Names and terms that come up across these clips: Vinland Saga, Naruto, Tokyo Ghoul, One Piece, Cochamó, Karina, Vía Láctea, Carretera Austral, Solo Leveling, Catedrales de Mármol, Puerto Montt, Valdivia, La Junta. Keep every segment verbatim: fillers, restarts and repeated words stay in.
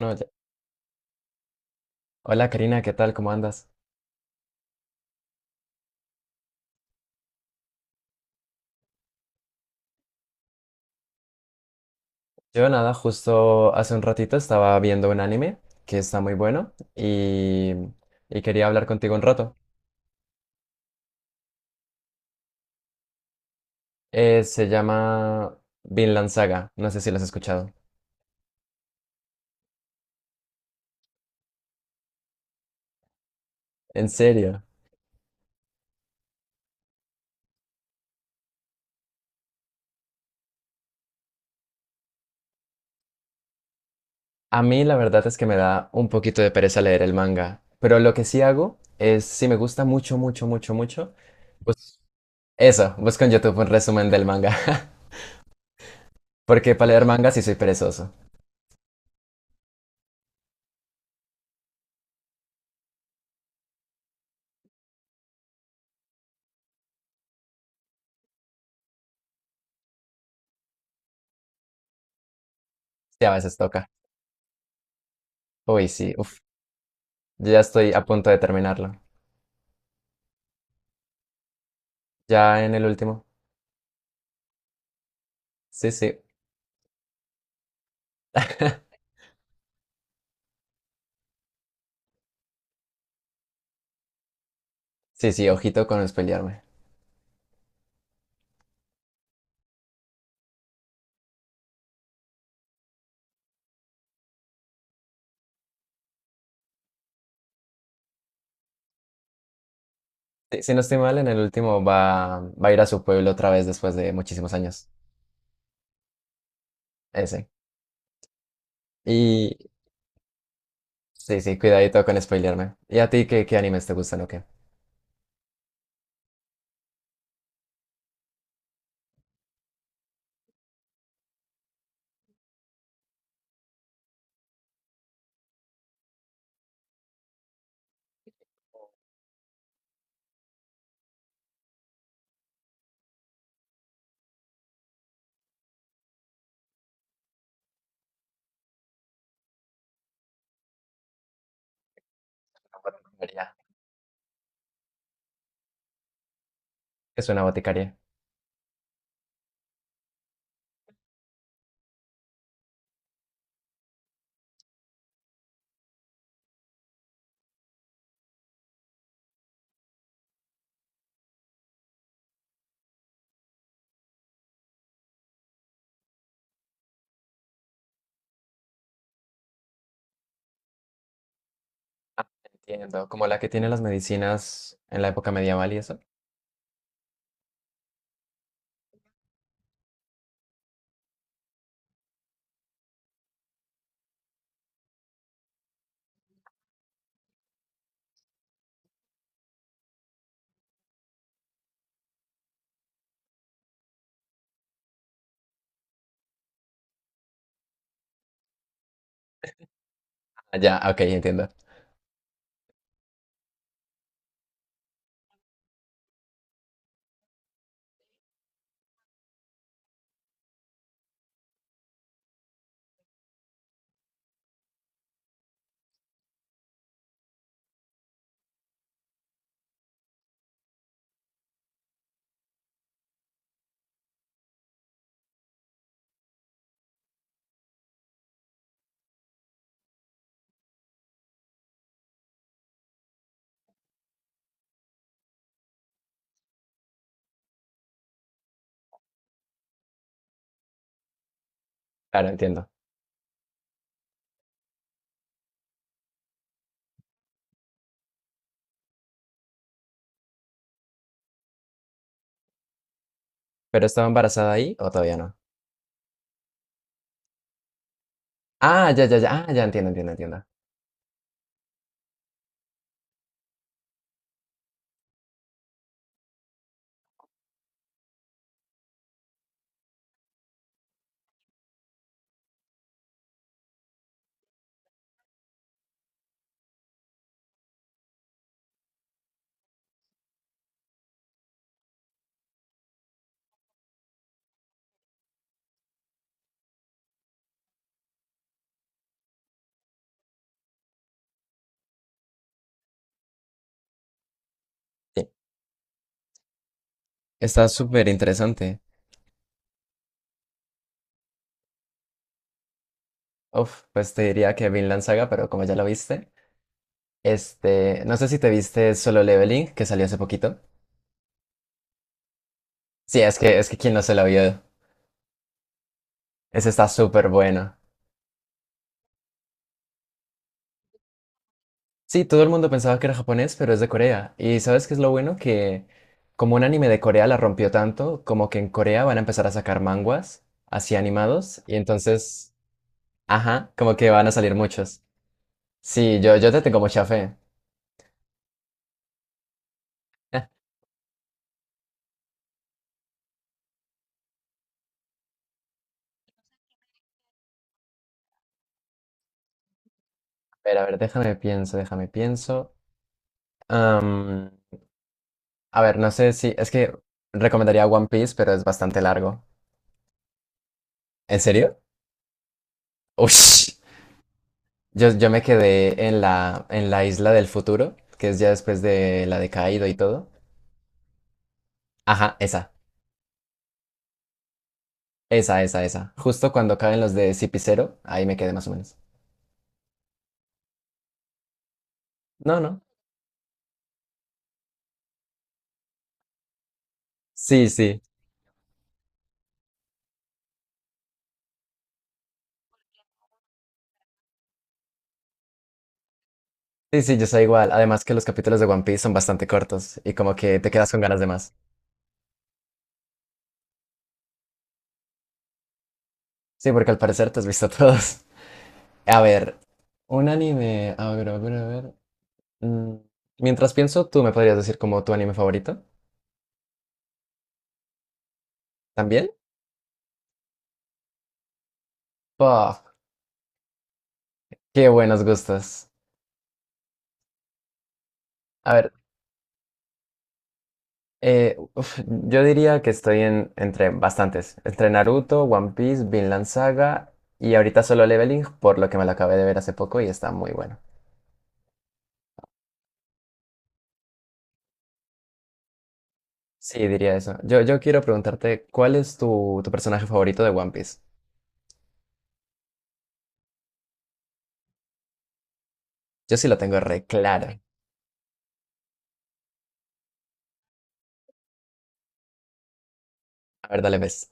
No, ya- Hola Karina, ¿qué tal? ¿Cómo andas? Yo nada, justo hace un ratito estaba viendo un anime que está muy bueno y, y quería hablar contigo un rato. Eh, se llama Vinland Saga, no sé si lo has escuchado. En serio, a mí la verdad es que me da un poquito de pereza leer el manga, pero lo que sí hago es, si me gusta mucho, mucho, mucho, mucho, pues eso, busco en YouTube un resumen del manga, porque para leer manga sí soy perezoso, sí a veces toca. Uy, sí, uf, yo ya estoy a punto de terminarlo. Ya en el último. Sí, sí. Sí, sí, ojito con espelearme. Sí, si no estoy mal, en el último va, va a ir a su pueblo otra vez después de muchísimos años. Ese. Y sí, sí, cuidadito con spoilearme. ¿Y a ti qué, qué animes te gustan o qué? Una boticaria. ¿Qué? Es una boticaria. Ah, entiendo. Como la que tiene las medicinas en la época medieval y eso. Ah, ya, ok, entiendo. Claro, entiendo. ¿Pero estaba embarazada ahí o todavía no? Ah, ya, ya, ya. Ah, ya entiendo, entiendo, entiendo. Sí. Está súper interesante. Uf, pues te diría que Vinland Saga, pero como ya lo viste, este, no sé si te viste Solo Leveling, que salió hace poquito. Sí, es que, es que quién no se lo vio. Ese está súper bueno. Sí, todo el mundo pensaba que era japonés, pero es de Corea. ¿Y sabes qué es lo bueno? Que como un anime de Corea la rompió tanto, como que en Corea van a empezar a sacar manguas así animados, y entonces, ajá, como que van a salir muchos. Sí, yo, yo te tengo mucha fe. Pero a ver, déjame pienso, déjame pienso. A ver, no sé si. Es que recomendaría One Piece, pero es bastante largo. ¿En serio? Ush. Yo, yo me quedé en la, en la isla del futuro, que es ya después de la de Kaido y todo. Ajá, esa. Esa, esa, esa. Justo cuando caen los de Cipicero, ahí me quedé más o menos. No, no. Sí, sí. Sí, sí, yo soy igual. Además que los capítulos de One Piece son bastante cortos y como que te quedas con ganas de más. Sí, porque al parecer te has visto todos. A ver, un anime. A ver, a ver, a ver. Mm, Mientras pienso, tú me podrías decir como tu anime favorito. ¿También? Puff, qué buenos gustos. A ver, eh, uf, yo diría que estoy en, entre bastantes. Entre Naruto, One Piece, Vinland Saga y ahorita Solo Leveling, por lo que me lo acabé de ver hace poco y está muy bueno. Sí, diría eso. Yo, yo quiero preguntarte, ¿cuál es tu, tu personaje favorito de One Piece? Yo sí lo tengo re claro. A ver, dale ves.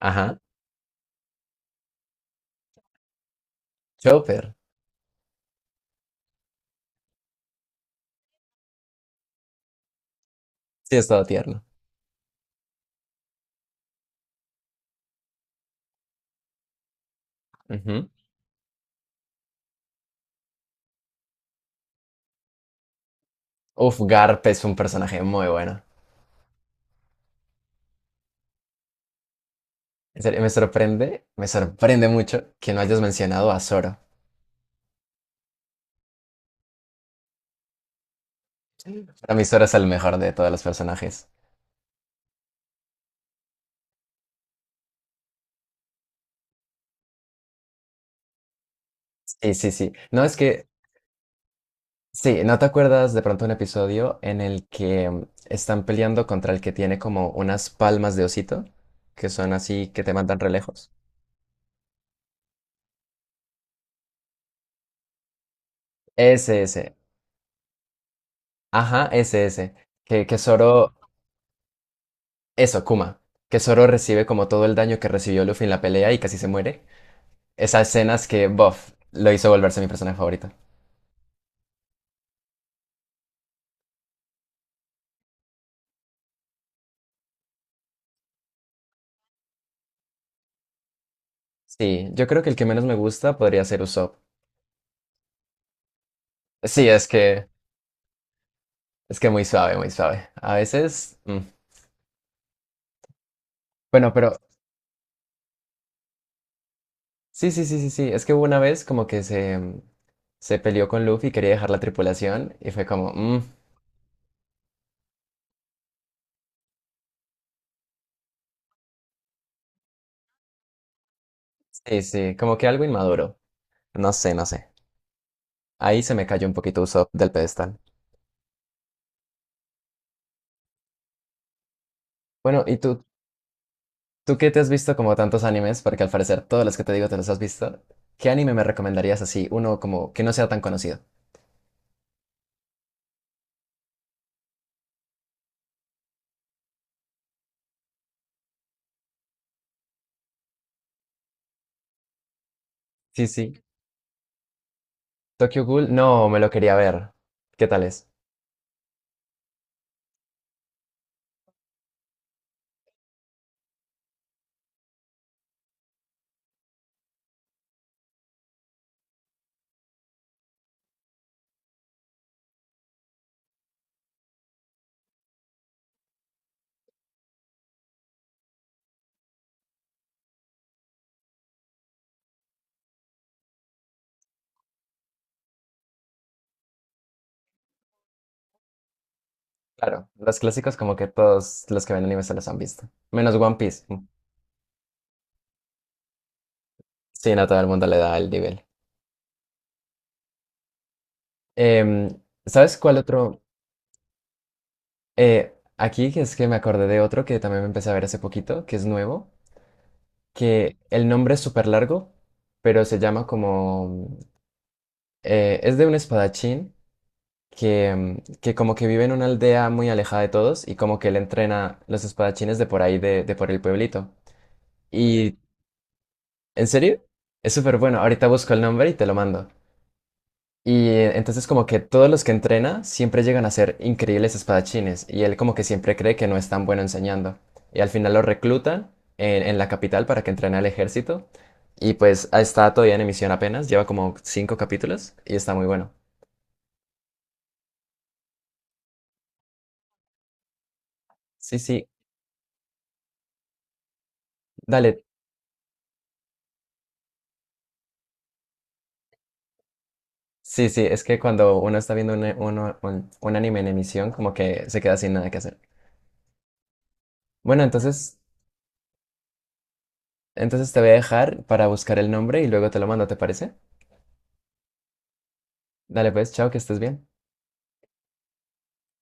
Ajá. Chopper. Sí, es todo tierno. Ujú. Uf, Garp es un personaje muy bueno. En serio, me sorprende, me sorprende mucho que no hayas mencionado a Zoro. Para mí Zoro es el mejor de todos los personajes. Sí, sí, sí. No, es que, sí, ¿no te acuerdas de pronto un episodio en el que mm, están peleando contra el que tiene como unas palmas de osito, que son así, que te mandan re lejos? Ese, ese. Ajá, ese, ese. Que, que Zoro, eso, Kuma. Que Zoro recibe como todo el daño que recibió Luffy en la pelea y casi se muere. Esas escenas que, bof, lo hizo volverse mi personaje favorito. Sí, yo creo que el que menos me gusta podría ser Usopp. Sí, es que es que muy suave, muy suave. A veces, mm. Bueno, pero sí, sí, sí, sí, sí. Es que hubo una vez como que se mm, se peleó con Luffy y quería dejar la tripulación y fue como, mm, sí, sí, como que algo inmaduro. No sé, no sé. Ahí se me cayó un poquito Usopp del pedestal. Bueno, ¿y tú, tú qué te has visto como tantos animes? Porque al parecer todos los que te digo te los has visto. ¿Qué anime me recomendarías así, uno como que no sea tan conocido? Sí, sí. Tokyo Ghoul, no, me lo quería ver. ¿Qué tal es? Claro, los clásicos como que todos los que ven anime se los han visto. Menos One Piece. Sí, no todo el mundo le da el nivel. Em, ¿Sabes cuál otro? Eh, aquí que es que me acordé de otro que también me empecé a ver hace poquito, que es nuevo, que el nombre es súper largo, pero se llama como... eh, es de un espadachín que, mm, que como que vive en una aldea muy alejada de todos y como que él entrena los espadachines de por ahí, de, de por el pueblito. Y, ¿en serio? Es súper bueno. Ahorita busco el nombre y te lo mando. Y eh, entonces como que todos los que entrena siempre llegan a ser increíbles espadachines y él como que siempre cree que no es tan bueno enseñando. Y al final lo reclutan en, en la capital para que entrene al ejército. Y pues ah, está todavía en emisión apenas, lleva como cinco capítulos y está muy bueno. Sí, sí. Dale, sí, sí, es que cuando uno está viendo un, uno- un- un anime en emisión, como que se queda sin nada que hacer. Bueno, entonces, entonces te voy a dejar para buscar el nombre y luego te lo mando, ¿te parece? Dale pues, chao, que estés bien.